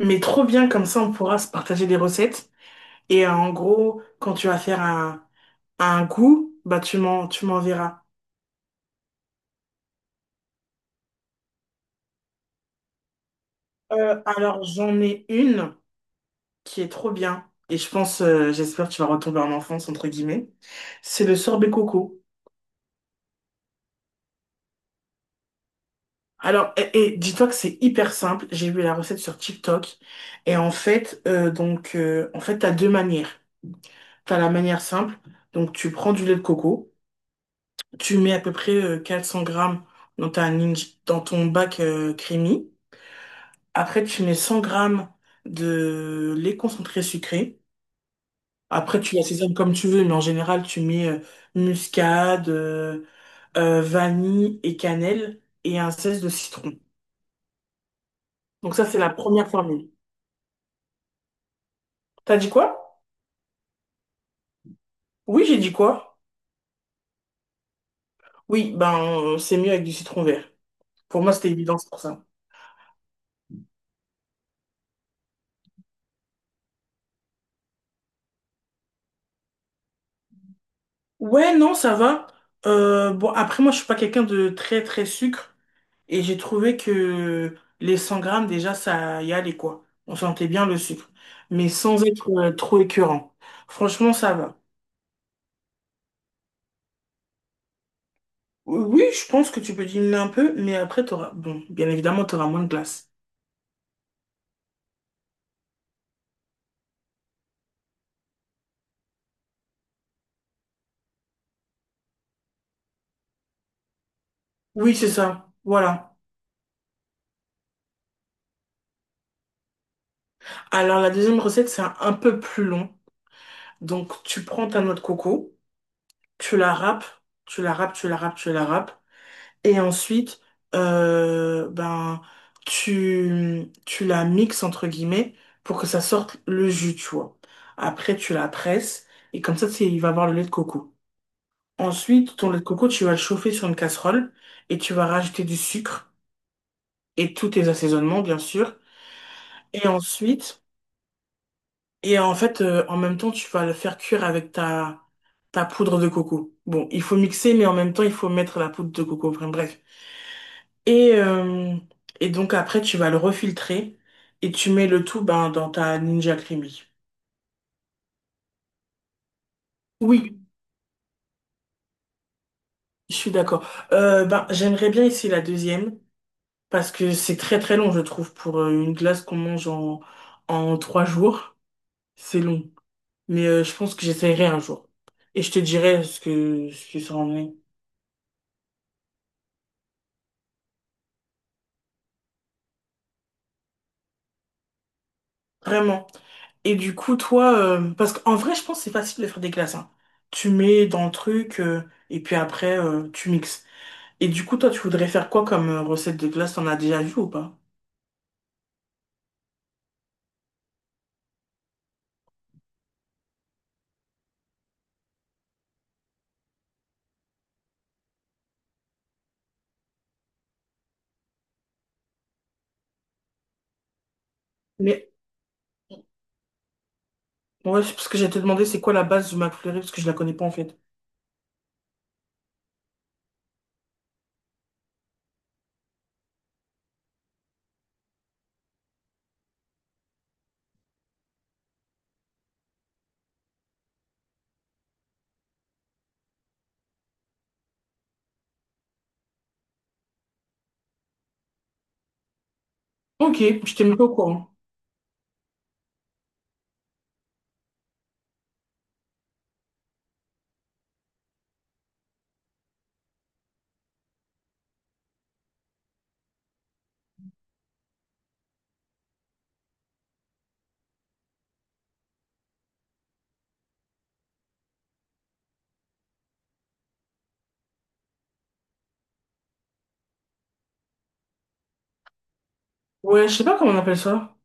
Mais trop bien, comme ça on pourra se partager des recettes. En gros, quand tu vas faire un goût, bah tu m'enverras. Alors j'en ai une qui est trop bien. Et je pense, j'espère que tu vas retomber en enfance, entre guillemets. C'est le sorbet coco. Alors, et dis-toi que c'est hyper simple. J'ai vu la recette sur TikTok. Et en fait, en fait, t'as deux manières. T'as la manière simple. Donc, tu prends du lait de coco. Tu mets à peu près 400 grammes dans dans ton bac creamy. Après, tu mets 100 grammes de lait concentré sucré. Après, tu assaisonnes comme tu veux, mais en général, tu mets muscade, vanille et cannelle et un zeste de citron. Donc ça, c'est la première formule. T'as dit quoi? Oui, j'ai dit quoi? Oui, ben, c'est mieux avec du citron vert. Pour moi, c'était évident, c'est pour ça. Ouais, non, ça va. Bon, après, moi, je suis pas quelqu'un de très, très sucre. Et j'ai trouvé que les 100 grammes, déjà, ça y allait, quoi. On sentait bien le sucre. Mais sans être trop écœurant. Franchement, ça va. Oui, oui, je pense que tu peux diminuer un peu, mais après, t'auras... Bon, bien évidemment, t'auras moins de glace. Oui, c'est ça. Voilà. Alors, la deuxième recette, c'est un peu plus long. Donc, tu prends ta noix de coco, tu la râpes, tu la râpes, tu la râpes, tu la râpes. Et ensuite, ben, tu la mixes entre guillemets pour que ça sorte le jus, tu vois. Après, tu la presses et comme ça, c'est il va avoir le lait de coco. Ensuite, ton lait de coco, tu vas le chauffer sur une casserole et tu vas rajouter du sucre et tous tes assaisonnements, bien sûr. Et ensuite, en fait, en même temps, tu vas le faire cuire avec ta poudre de coco. Bon, il faut mixer, mais en même temps, il faut mettre la poudre de coco. Enfin, bref. Et, euh, et donc après, tu vas le refiltrer et tu mets le tout ben, dans ta Ninja Creamy. Oui, je suis d'accord. Ben, j'aimerais bien essayer la deuxième parce que c'est très très long, je trouve, pour une glace qu'on mange en 3 jours. C'est long. Mais je pense que j'essaierai un jour. Et je te dirai ce que ça en est. Vraiment. Et du coup, toi, parce qu'en vrai, je pense que c'est facile de faire des glaces, hein. Tu mets dans le truc et puis après, tu mixes. Et du coup, toi, tu voudrais faire quoi comme recette de glace? T'en as déjà vu ou pas? Mais ouais, c'est parce que j'allais te demander c'est quoi la base du McFlurry parce que je la connais pas en fait. Ok, je t'ai mis pas au courant. Ouais, je sais pas comment on appelle ça.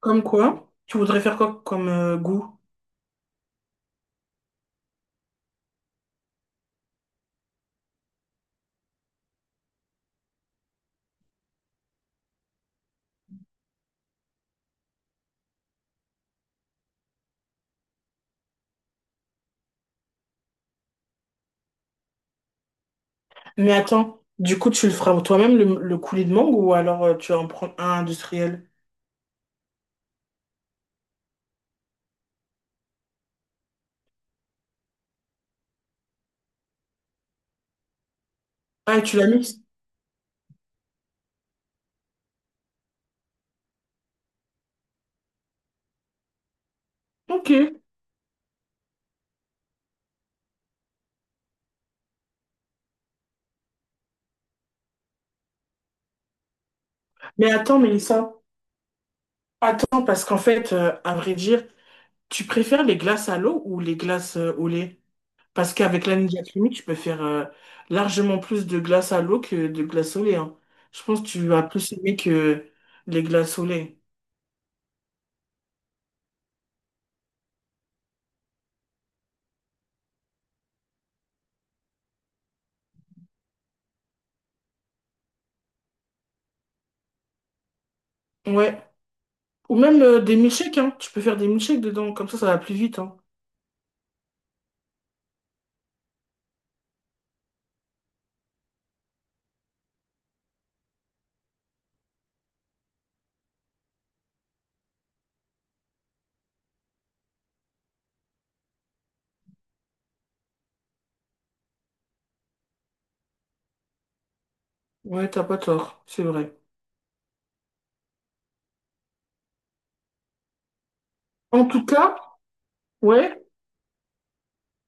Comme quoi? Tu voudrais faire quoi comme goût? Mais attends, du coup, tu le feras toi-même le coulis de mangue ou alors tu vas en prendre un industriel? Ah, et tu l'as mixes? Ok. Mais attends, Mélissa. Attends, parce qu'en fait, à vrai dire, tu préfères les glaces à l'eau ou les glaces au lait? Parce qu'avec la Ninja Creamy, tu peux faire largement plus de glaces à l'eau que de glaces au lait, hein. Je pense que tu vas plus aimer que les glaces au lait. Ouais. Ou même des milkshakes, hein. Tu peux faire des milkshakes dedans, comme ça va plus vite, hein. Ouais, t'as pas tort, c'est vrai. En tout cas, ouais,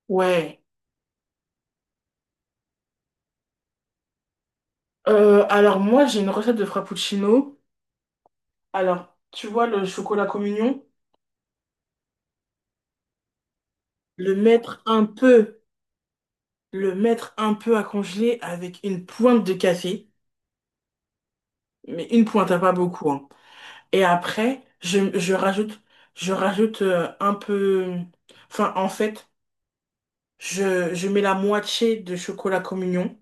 ouais. Alors moi, j'ai une recette de frappuccino. Alors, tu vois le chocolat communion? Le mettre un peu le mettre un peu à congeler avec une pointe de café, mais une pointe, hein, pas beaucoup, hein. Et après, je rajoute en fait, je mets la moitié de chocolat communion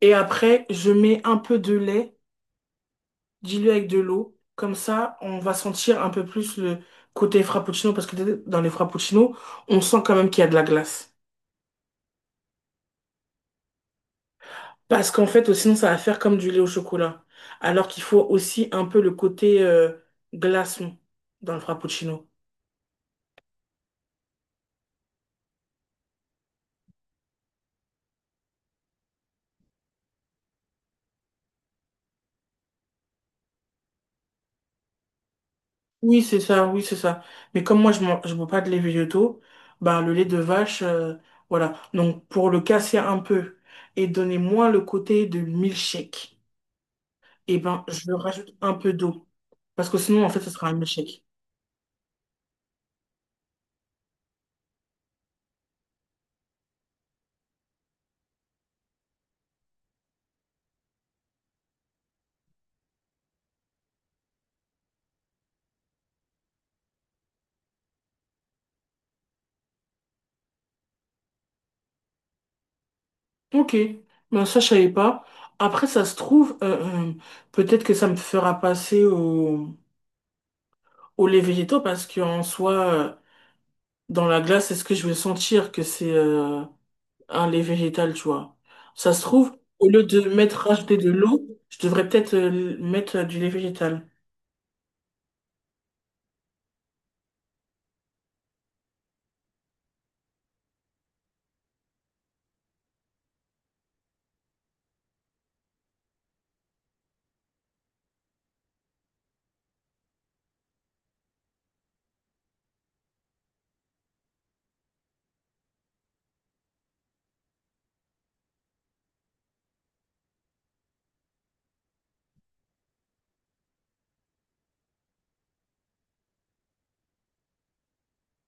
et après, je mets un peu de lait dilué avec de l'eau. Comme ça, on va sentir un peu plus le côté frappuccino parce que dans les frappuccinos, on sent quand même qu'il y a de la glace. Parce qu'en fait, sinon, ça va faire comme du lait au chocolat. Alors qu'il faut aussi un peu le côté glaçon dans le frappuccino. Oui, c'est ça, oui, c'est ça. Mais comme moi, je bois pas de lait végétaux, bah, le lait de vache, voilà. Donc, pour le casser un peu et donner moins le côté de milkshake. Et ben je rajoute un peu d'eau. Parce que sinon, en fait, ce sera un échec. Ok, ben ça je savais pas. Après, ça se trouve, peut-être que ça me fera passer au lait végétaux parce qu'en soi, euh, dans la glace, est-ce que je vais sentir que c'est ah, lait végétal tu vois. Ça se trouve, au lieu de mettre rajouter de l'eau, je devrais peut-être mettre du lait végétal.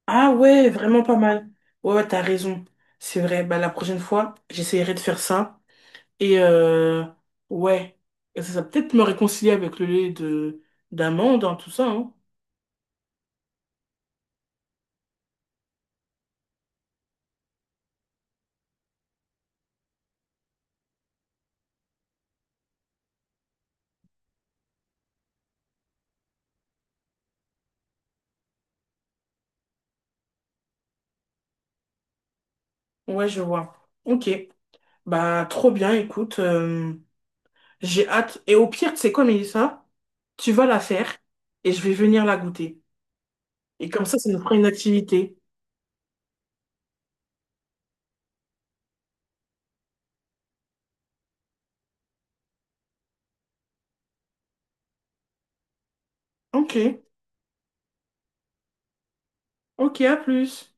Ah ouais, vraiment pas mal. Ouais, ouais, t'as raison. C'est vrai, bah la prochaine fois, j'essaierai de faire ça. Et euh, ouais, Et ça va peut-être me réconcilier avec le lait de d'amande, hein, tout ça, hein. Ouais, je vois. Ok. Bah trop bien, écoute. J'ai hâte. Et au pire, tu sais quoi, Mélissa? Tu vas la faire et je vais venir la goûter. Et comme ça nous fera une activité. Ok, ok, à plus.